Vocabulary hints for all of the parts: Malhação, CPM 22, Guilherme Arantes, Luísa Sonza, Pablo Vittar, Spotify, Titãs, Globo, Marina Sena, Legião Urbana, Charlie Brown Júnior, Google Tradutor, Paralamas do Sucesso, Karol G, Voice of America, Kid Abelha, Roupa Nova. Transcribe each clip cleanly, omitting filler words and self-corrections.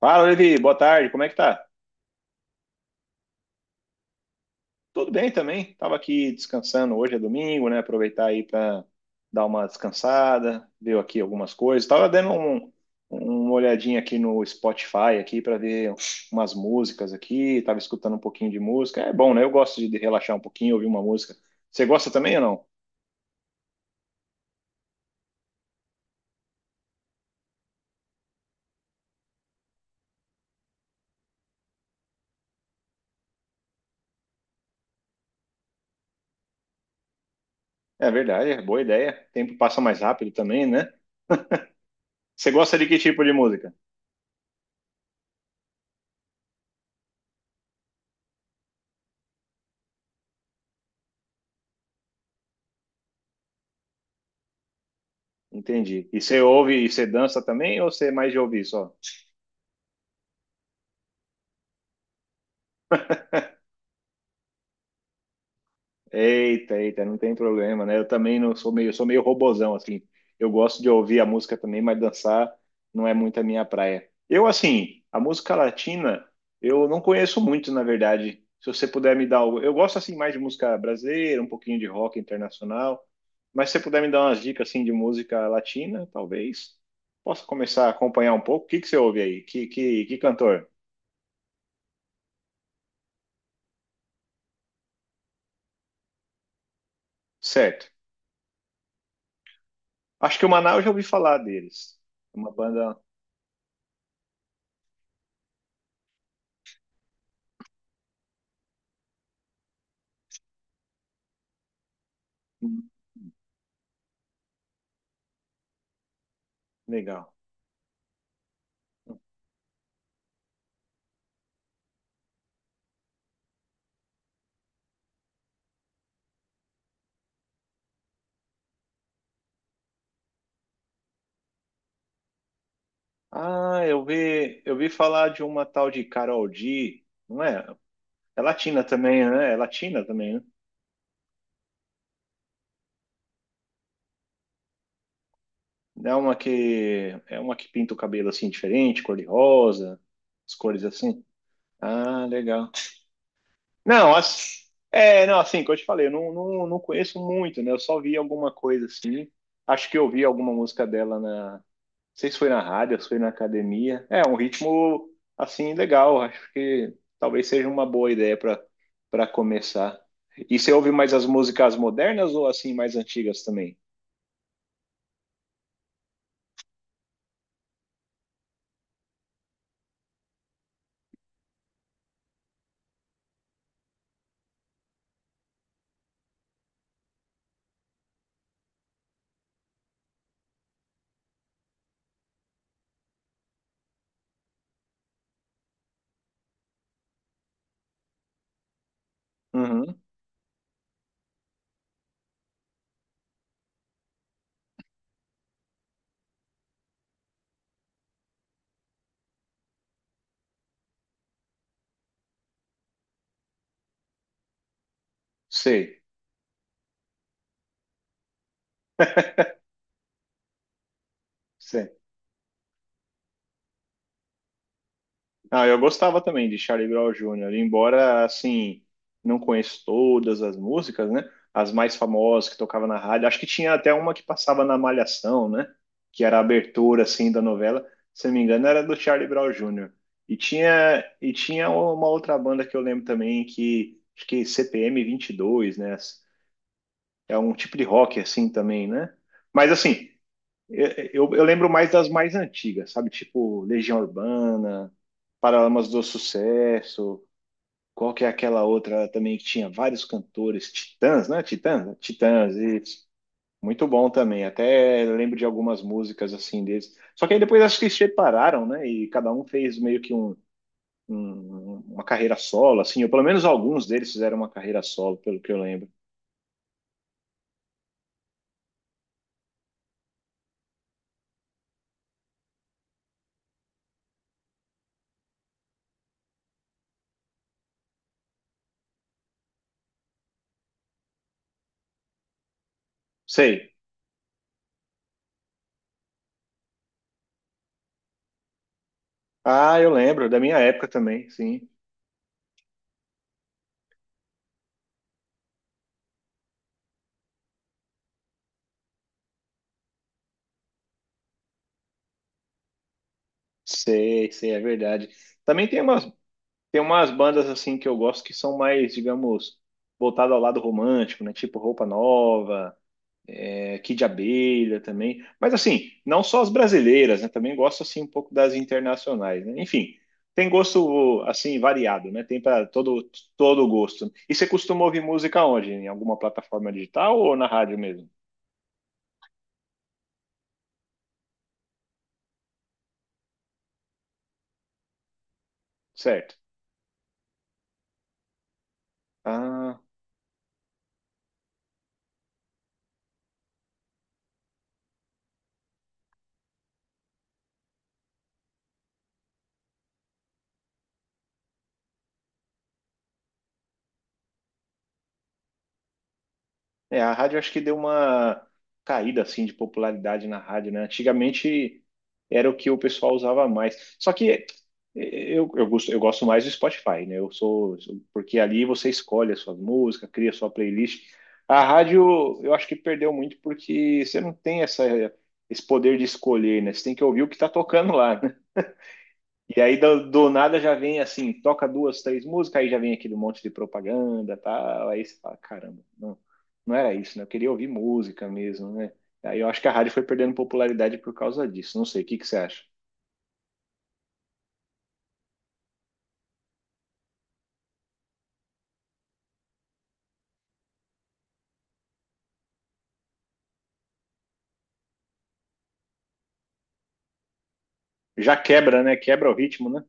Fala, Levi, boa tarde, como é que tá? Tudo bem também, tava aqui descansando, hoje é domingo, né, aproveitar aí para dar uma descansada, ver aqui algumas coisas, tava dando uma olhadinha aqui no Spotify aqui para ver umas músicas aqui, tava escutando um pouquinho de música, é bom, né, eu gosto de relaxar um pouquinho, ouvir uma música. Você gosta também ou não? É verdade, é boa ideia, o tempo passa mais rápido também, né? Você gosta de que tipo de música? Entendi. E você ouve e você dança também ou você é mais de ouvir só? Eita, eita, não tem problema, né? Eu também não sou meio, eu sou meio robozão, assim. Eu gosto de ouvir a música também, mas dançar não é muito a minha praia. Eu, assim, a música latina, eu não conheço muito, na verdade. Se você puder me dar algo. Eu gosto, assim, mais de música brasileira, um pouquinho de rock internacional. Mas se você puder me dar umas dicas, assim, de música latina, talvez possa começar a acompanhar um pouco. O que que você ouve aí? Que cantor? Certo. Acho que o Manaus eu já ouvi falar deles. É uma banda hum, legal. Ah, eu vi falar de uma tal de Karol G, não é? É latina também, né? É latina também, né? É uma que pinta o cabelo assim diferente, cor de rosa, as cores assim. Ah, legal. Não, não, assim, que eu te falei, eu não conheço muito, né? Eu só vi alguma coisa assim. Acho que eu vi alguma música dela sei se foi na rádio, se foi na academia. É um ritmo assim legal, acho que talvez seja uma boa ideia para começar. E você ouve mais as músicas modernas ou assim mais antigas também? Uhum, sei, sei. Ah, eu gostava também de Charlie Brown Júnior. Embora, assim, não conheço todas as músicas, né? As mais famosas que tocava na rádio. Acho que tinha até uma que passava na Malhação, né? Que era a abertura, assim, da novela. Se não me engano, era do Charlie Brown Júnior. E tinha uma outra banda que eu lembro também, que acho que CPM 22, né? É um tipo de rock, assim, também, né? Mas, assim, eu lembro mais das mais antigas, sabe? Tipo Legião Urbana, Paralamas do Sucesso, qual que é aquela outra também que tinha vários cantores, Titãs, né? Titãs? Né? Titãs, isso. Muito bom também. Até lembro de algumas músicas assim deles. Só que aí depois acho que eles separaram, né? E cada um fez meio que uma carreira solo, assim, ou pelo menos alguns deles fizeram uma carreira solo, pelo que eu lembro. Sei. Ah, eu lembro, da minha época também, sim. Sei, sei, é verdade. Também tem umas bandas assim que eu gosto que são mais, digamos, voltadas ao lado romântico, né? Tipo Roupa Nova, Kid Abelha também. Mas assim, não só as brasileiras, né? Também gosto assim um pouco das internacionais, né? Enfim, tem gosto assim variado, né? Tem para todo gosto. E você costuma ouvir música onde? Em alguma plataforma digital ou na rádio mesmo? Certo. Ah, é, a rádio acho que deu uma caída assim de popularidade na rádio, né? Antigamente era o que o pessoal usava mais. Só que eu gosto mais do Spotify, né? Porque ali você escolhe a sua música, cria a sua playlist. A rádio eu acho que perdeu muito porque você não tem esse poder de escolher, né? Você tem que ouvir o que está tocando lá. E aí do nada já vem assim, toca duas, três músicas, aí já vem aquele monte de propaganda, tal, aí você fala, caramba, não, não era isso, né? Eu queria ouvir música mesmo, né? Aí eu acho que a rádio foi perdendo popularidade por causa disso. Não sei, o que que você acha? Já quebra, né? Quebra o ritmo, né?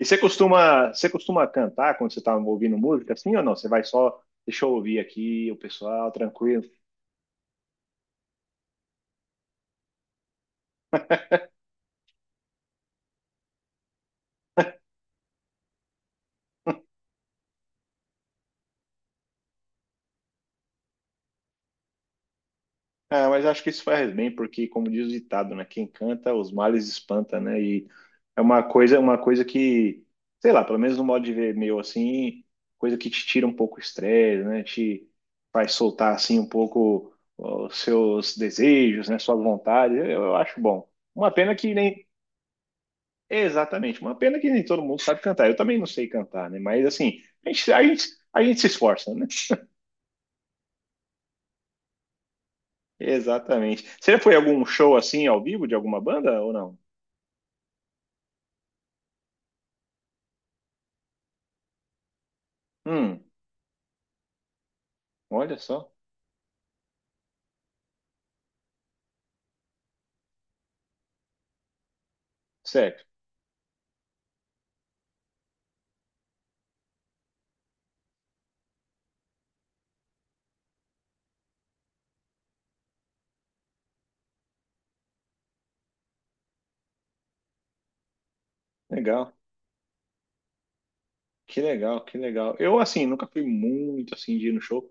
E você costuma cantar quando você tá ouvindo música assim ou não? Você vai só, deixa eu ouvir aqui o pessoal, tranquilo. Ah, mas acho que isso faz bem, porque, como diz o ditado, né? Quem canta, os males espanta, né? E é uma coisa que, sei lá, pelo menos no modo de ver meu, assim, coisa que te tira um pouco o estresse, né? Te faz soltar, assim, um pouco os seus desejos, né? Suas vontades. Eu acho bom. Uma pena que nem... Exatamente, uma pena que nem todo mundo sabe cantar. Eu também não sei cantar, né? Mas, assim, a gente, a gente, a gente se esforça, né? Exatamente. Você já foi a algum show, assim, ao vivo, de alguma banda ou não? Hum. Olha só. Sério. Legal. Que legal, que legal. Eu, assim, nunca fui muito, assim, de ir no show,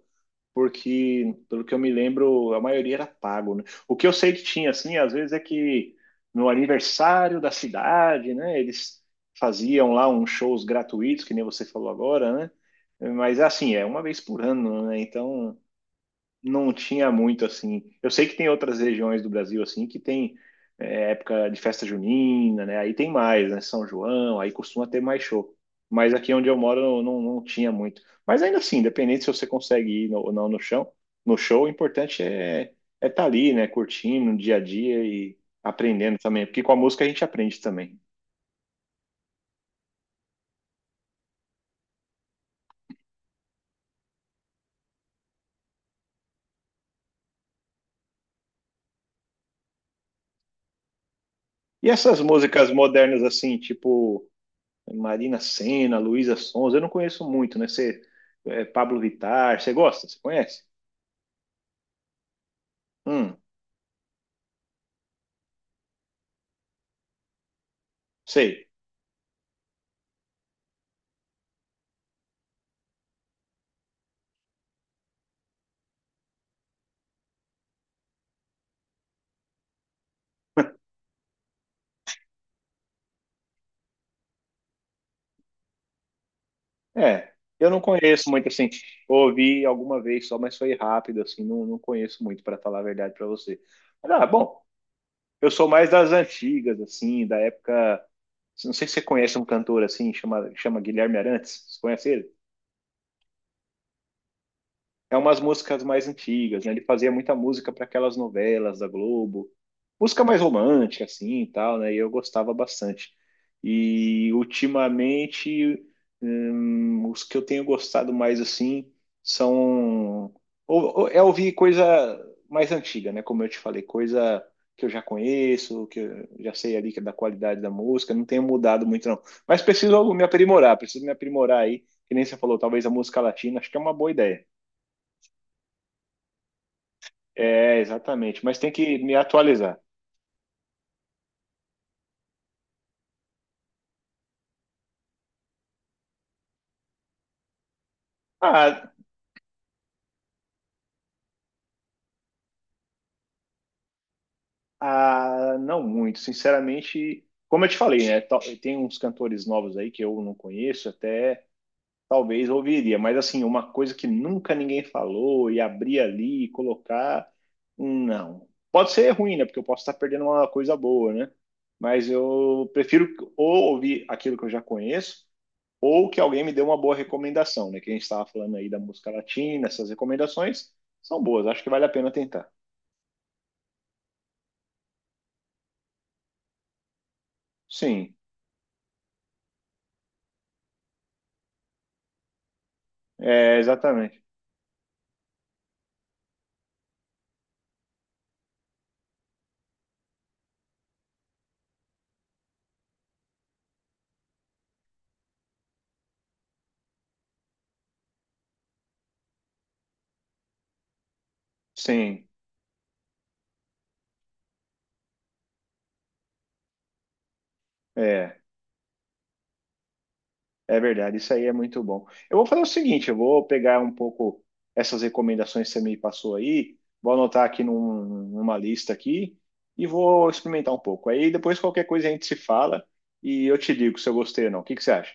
porque, pelo que eu me lembro, a maioria era pago, né? O que eu sei que tinha, assim, às vezes é que no aniversário da cidade, né, eles faziam lá uns shows gratuitos, que nem você falou agora, né? Mas, assim, é uma vez por ano, né? Então, não tinha muito assim. Eu sei que tem outras regiões do Brasil assim que tem época de festa junina, né? Aí tem mais, né? São João, aí costuma ter mais show. Mas aqui onde eu moro não tinha muito. Mas ainda assim, independente se você consegue ir ou não no chão, no show, o importante é estar ali, né? Curtindo no dia a dia e aprendendo também, porque com a música a gente aprende também. E essas músicas modernas assim, tipo Marina Sena, Luísa Sonza, eu não conheço muito, né? Pablo Vittar, você gosta? Você conhece? Hum, sei. É, eu não conheço muito assim. Ouvi alguma vez só, mas foi rápido, assim, não conheço muito, para falar a verdade para você. Mas, bom, eu sou mais das antigas, assim, da época. Não sei se você conhece um cantor assim, chama Guilherme Arantes. Você conhece ele? É umas músicas mais antigas, né? Ele fazia muita música para aquelas novelas da Globo, música mais romântica, assim, e tal, né? E eu gostava bastante. E ultimamente, os que eu tenho gostado mais, assim, são... É ouvir coisa mais antiga, né? Como eu te falei, coisa que eu já conheço, que eu já sei ali que é da qualidade da música, não tenho mudado muito, não. Mas preciso me aprimorar aí, que nem você falou, talvez a música latina, acho que é uma boa ideia. É, exatamente. Mas tem que me atualizar. Ah, ah, não muito. Sinceramente, como eu te falei, né? Tem uns cantores novos aí que eu não conheço, até talvez ouviria. Mas assim, uma coisa que nunca ninguém falou e abrir ali e colocar, não. Pode ser ruim, né? Porque eu posso estar perdendo uma coisa boa, né? Mas eu prefiro ou ouvir aquilo que eu já conheço ou que alguém me deu uma boa recomendação, né? Que a gente estava falando aí da música latina, essas recomendações são boas, acho que vale a pena tentar. Sim, exatamente. Sim, é, é verdade, isso aí é muito bom. Eu vou fazer o seguinte, eu vou pegar um pouco essas recomendações que você me passou aí, vou anotar aqui numa lista aqui e vou experimentar um pouco. Aí depois qualquer coisa a gente se fala e eu te digo se eu gostei ou não. O que que você acha?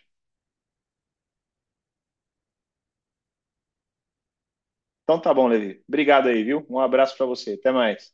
Então tá bom, Levi. Obrigado aí, viu? Um abraço para você. Até mais.